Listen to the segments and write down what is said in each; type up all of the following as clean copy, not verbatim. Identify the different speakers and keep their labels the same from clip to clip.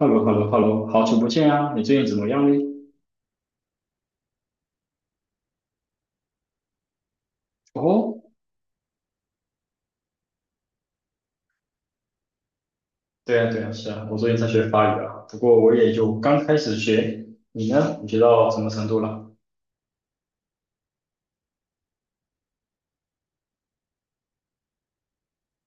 Speaker 1: 哈喽哈喽哈喽，好久不见啊！你最近怎么样呢？哦，对啊，对啊，是啊，我最近在学法语啊，不过我也就刚开始学。你呢？你学到什么程度了？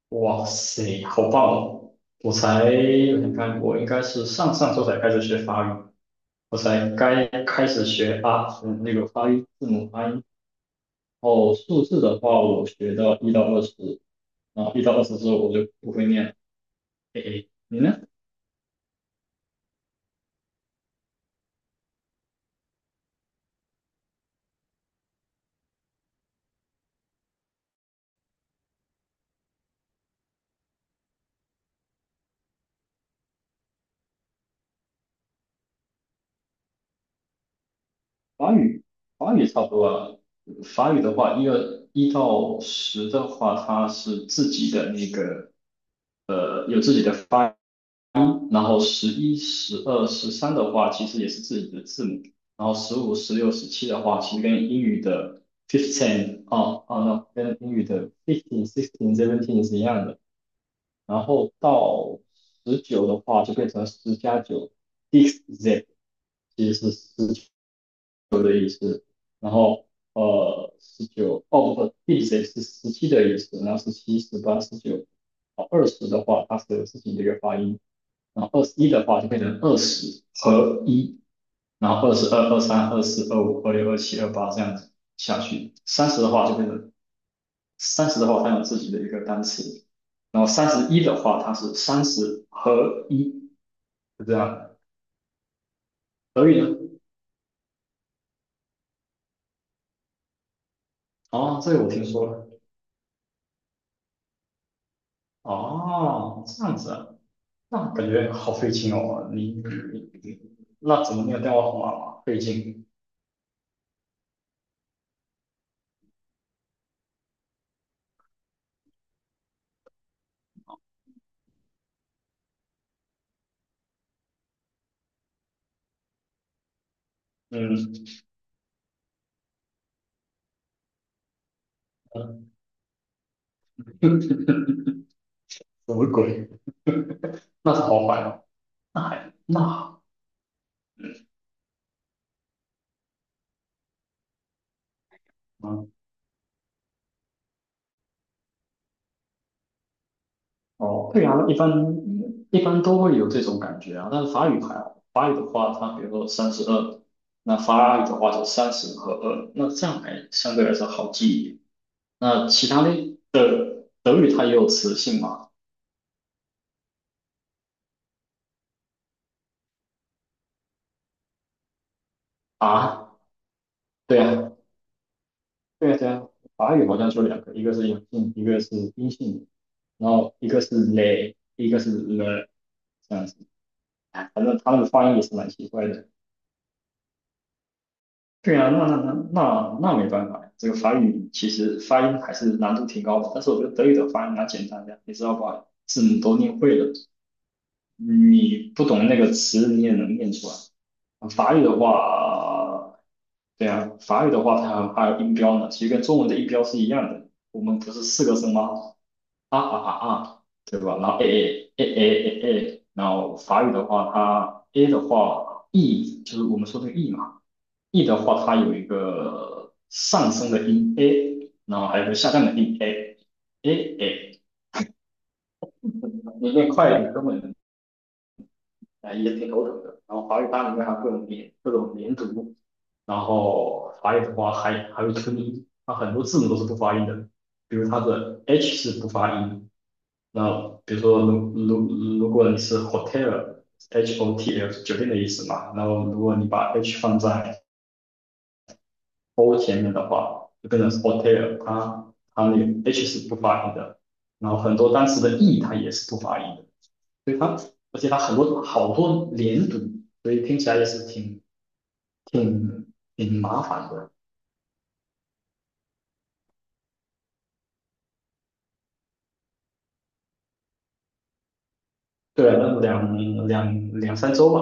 Speaker 1: 哇塞，好棒哦！我才，我想看，我应该是上上周才开始学法语，我才该开始学啊。嗯那个发音字母发音。然后数字的话，我学到一到二十，然后一到二十之后我就不会念了。诶诶，你呢？法语，法语差不多啊。法语的话，一到十的话，它是自己的那个，有自己的发音，然后十一、十二、十三的话，其实也是自己的字母，然后十五、十六、十七的话，其实跟英语的 fifteen 啊啊那跟英语的 fifteen、sixteen、seventeen 是一样的。然后到十九的话，就变成十加九 s i x z，其实是十。九的意思，然后十九，哦不，第十是十七的意思，然后十七、十八、十九，二十的话它是自己的一个发音，然后二十一的话就变成二十和一，然后二十二、二三、二四、二五、二六、二七、二八这样子下去，三十的话它有自己的一个单词，然后三十一的话它是三十和一，就这样。德以呢？哦，这个我听说了。哦，这样子啊。那感觉好费劲哦，你那怎么没有电话号码嘛？费劲，嗯，嗯 什么鬼？那是好烦哦，那还那嗯哦，对啊，一般都会有这种感觉啊，但是法语还好，法语的话，它比如说三十二，那法语的话是三十和二，那这样还相对来说好记一点。那其他的德语它也有词性吗？啊，对啊，对啊对啊，法语好像就两个，一个是阳性，一个是阴性，然后一个是 le，一个是 le，这样子。哎反正他们的发音也是蛮奇怪的。对啊，那没办法呀，这个法语其实发音还是难度挺高的，但是我觉得德语的发音蛮简单的，你只要把字母都念会了，你不懂那个词你也能念出来。法语的话，对啊，法语的话它还有音标呢，其实跟中文的音标是一样的。我们不是四个声吗？啊啊啊啊，对吧？然后 A A A A A A，然后法语的话，它 A 的话，E 就是我们说的 E 嘛，E 的话，它有一个上升的音 A，然后还有一个下降的音 A A A，你念快一点根本啊也挺头疼的。然后法语它里面还有各种连读，然后法语的话还有吞音，它很多字母都是不发音的。比如它的 H 是不发音，那比如说如果你是 hotel，H O T L 是酒店的意思嘛，然后如果你把 H 放在 O 前面的话，就变成是 hotel，它那个 H 是不发音的，然后很多单词的 E 它也是不发音的，所以它而且它很多好多连读，所以听起来也是挺麻烦的。对啊，那两两两三周吧。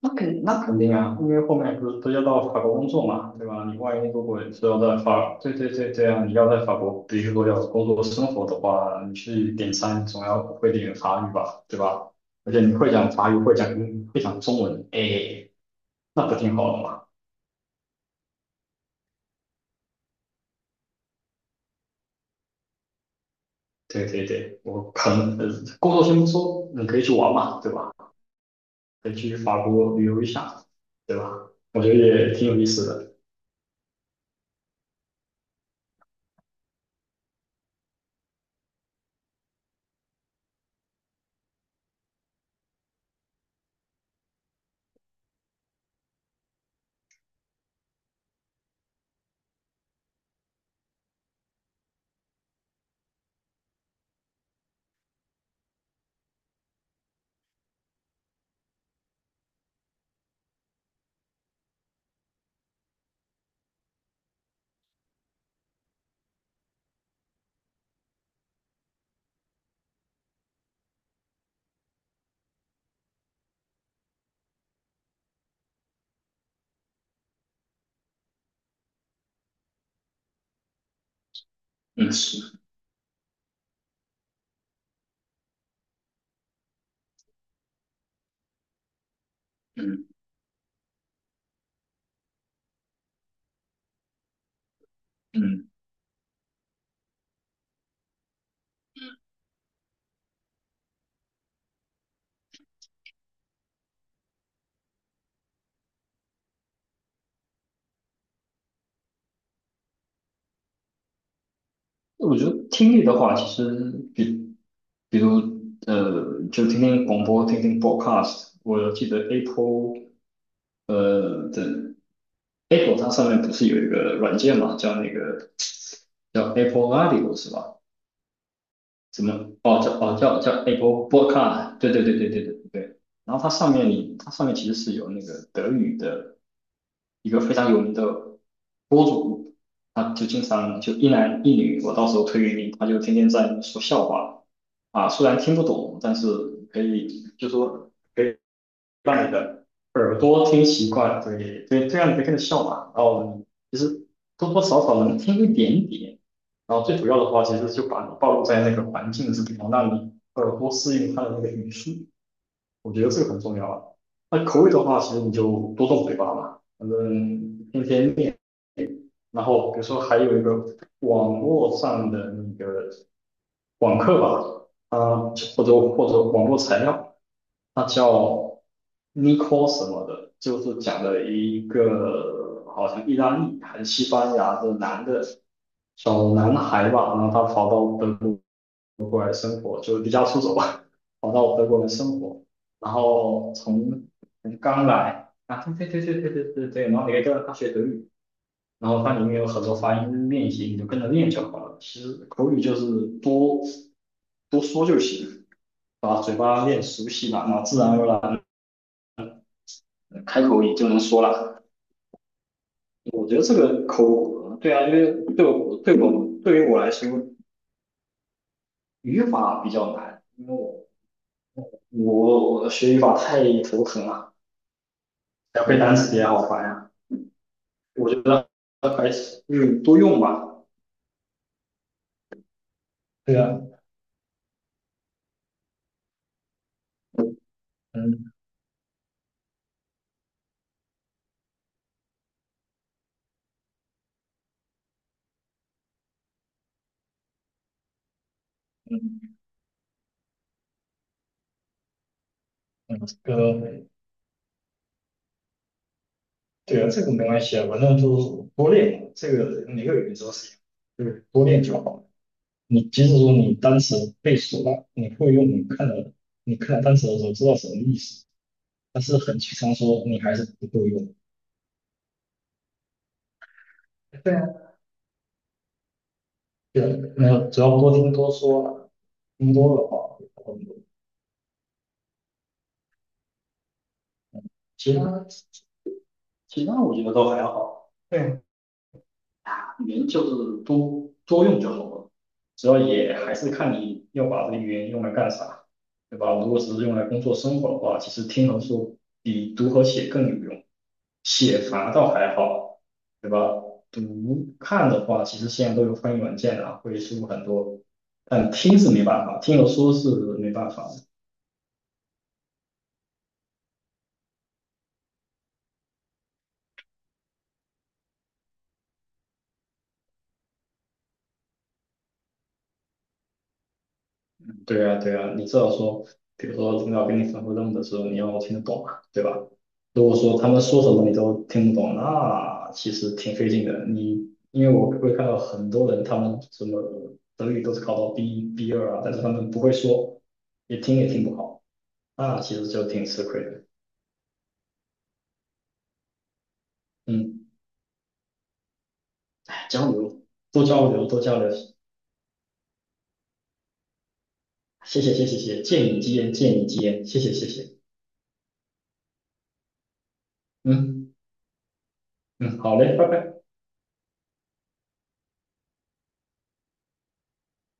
Speaker 1: 那肯那肯定啊，因为后面不是都要到法国工作嘛，对吧？你万一如果是要在法，对对对对啊，这样你要在法国，比如说要工作生活的话，你去点餐总要会点法语吧，对吧？而且你会讲法语，会讲中文，哎，那不挺好的吗？对对对，我可能工作先不说，你可以去玩嘛，对吧？可以去法国旅游一下，对吧？我觉得也挺有意思的。嗯，是，嗯嗯。我觉得听力的话，其实比如，就听听广播，听听 podcast a。我记得 呃的 Apple 它上面不是有一个软件嘛，叫那个叫 Apple Audio 是吧？怎么哦叫哦叫叫 Apple Podcast？对对对对对对对。然后它上面其实是有那个德语的一个非常有名的播主，他就经常就一男一女，我到时候推给你，他就天天在说笑话。啊，虽然听不懂，但是可以让你的耳朵听习惯，对对，这样你可以跟着笑嘛。然后其实多多少少能听一点点，然后最主要的话，其实就把你暴露在那个环境是之中，让你耳朵适应它的那个语速，我觉得这个很重要啊。那口语的话，其实你就多动嘴巴嘛，反正天天练。然后比如说还有一个网络上的那个网课吧，啊，或者网络材料。他叫 Nico 什么的，就是讲的一个好像意大利还是西班牙的男的小男孩吧，然后他跑到德国过来生活，就离家出走吧，跑到德国来生活，然后从刚来啊，对对对对对对对对，然后你可以跟着他学德语，然后它里面有很多发音练习，你就跟着练就好了。其实口语就是多多说就行，把嘴巴练熟悉了，然后自然而然。开口也就能说了。我觉得这个口呃对啊，因为对我对我对于我来说，语法比较难，因为我学语法太头疼了，要背单词也好烦呀、啊我觉得还是多用吧。对啊，嗯嗯嗯，这个对啊，这个没关系啊，反正就是多练嘛，这个每个语言都是一样，就是多练就好了。你即使说你单词背熟了，你会用，你看了单词的时候知道什么意思。但是很提倡说你还是不够用，对啊，对，没有，主要多听多说了，听多了话会好很多。其他其他我觉得都还好，对，语言就是多多用就好了，主要也还是看你要把这个语言用来干啥，对吧？如果只是用来工作生活的话，其实听和说比读和写更有用。写法倒还好，对吧？读看的话，其实现在都有翻译软件啊，会舒服很多。但听是没办法，听和说是没办法的。对啊，对啊，你至少说，比如说领导给你吩咐任务的时候，你要听得懂啊，对吧？如果说他们说什么你都听不懂，那其实挺费劲的。因为我会看到很多人，他们什么德语都是考到 B 二啊，但是他们不会说，也听不好，那其实就挺吃亏的。嗯。交流，多交流，多交流。谢谢，谢谢，谢谢，见你吉言，见你吉言，谢谢，谢谢。嗯嗯，好嘞，拜拜。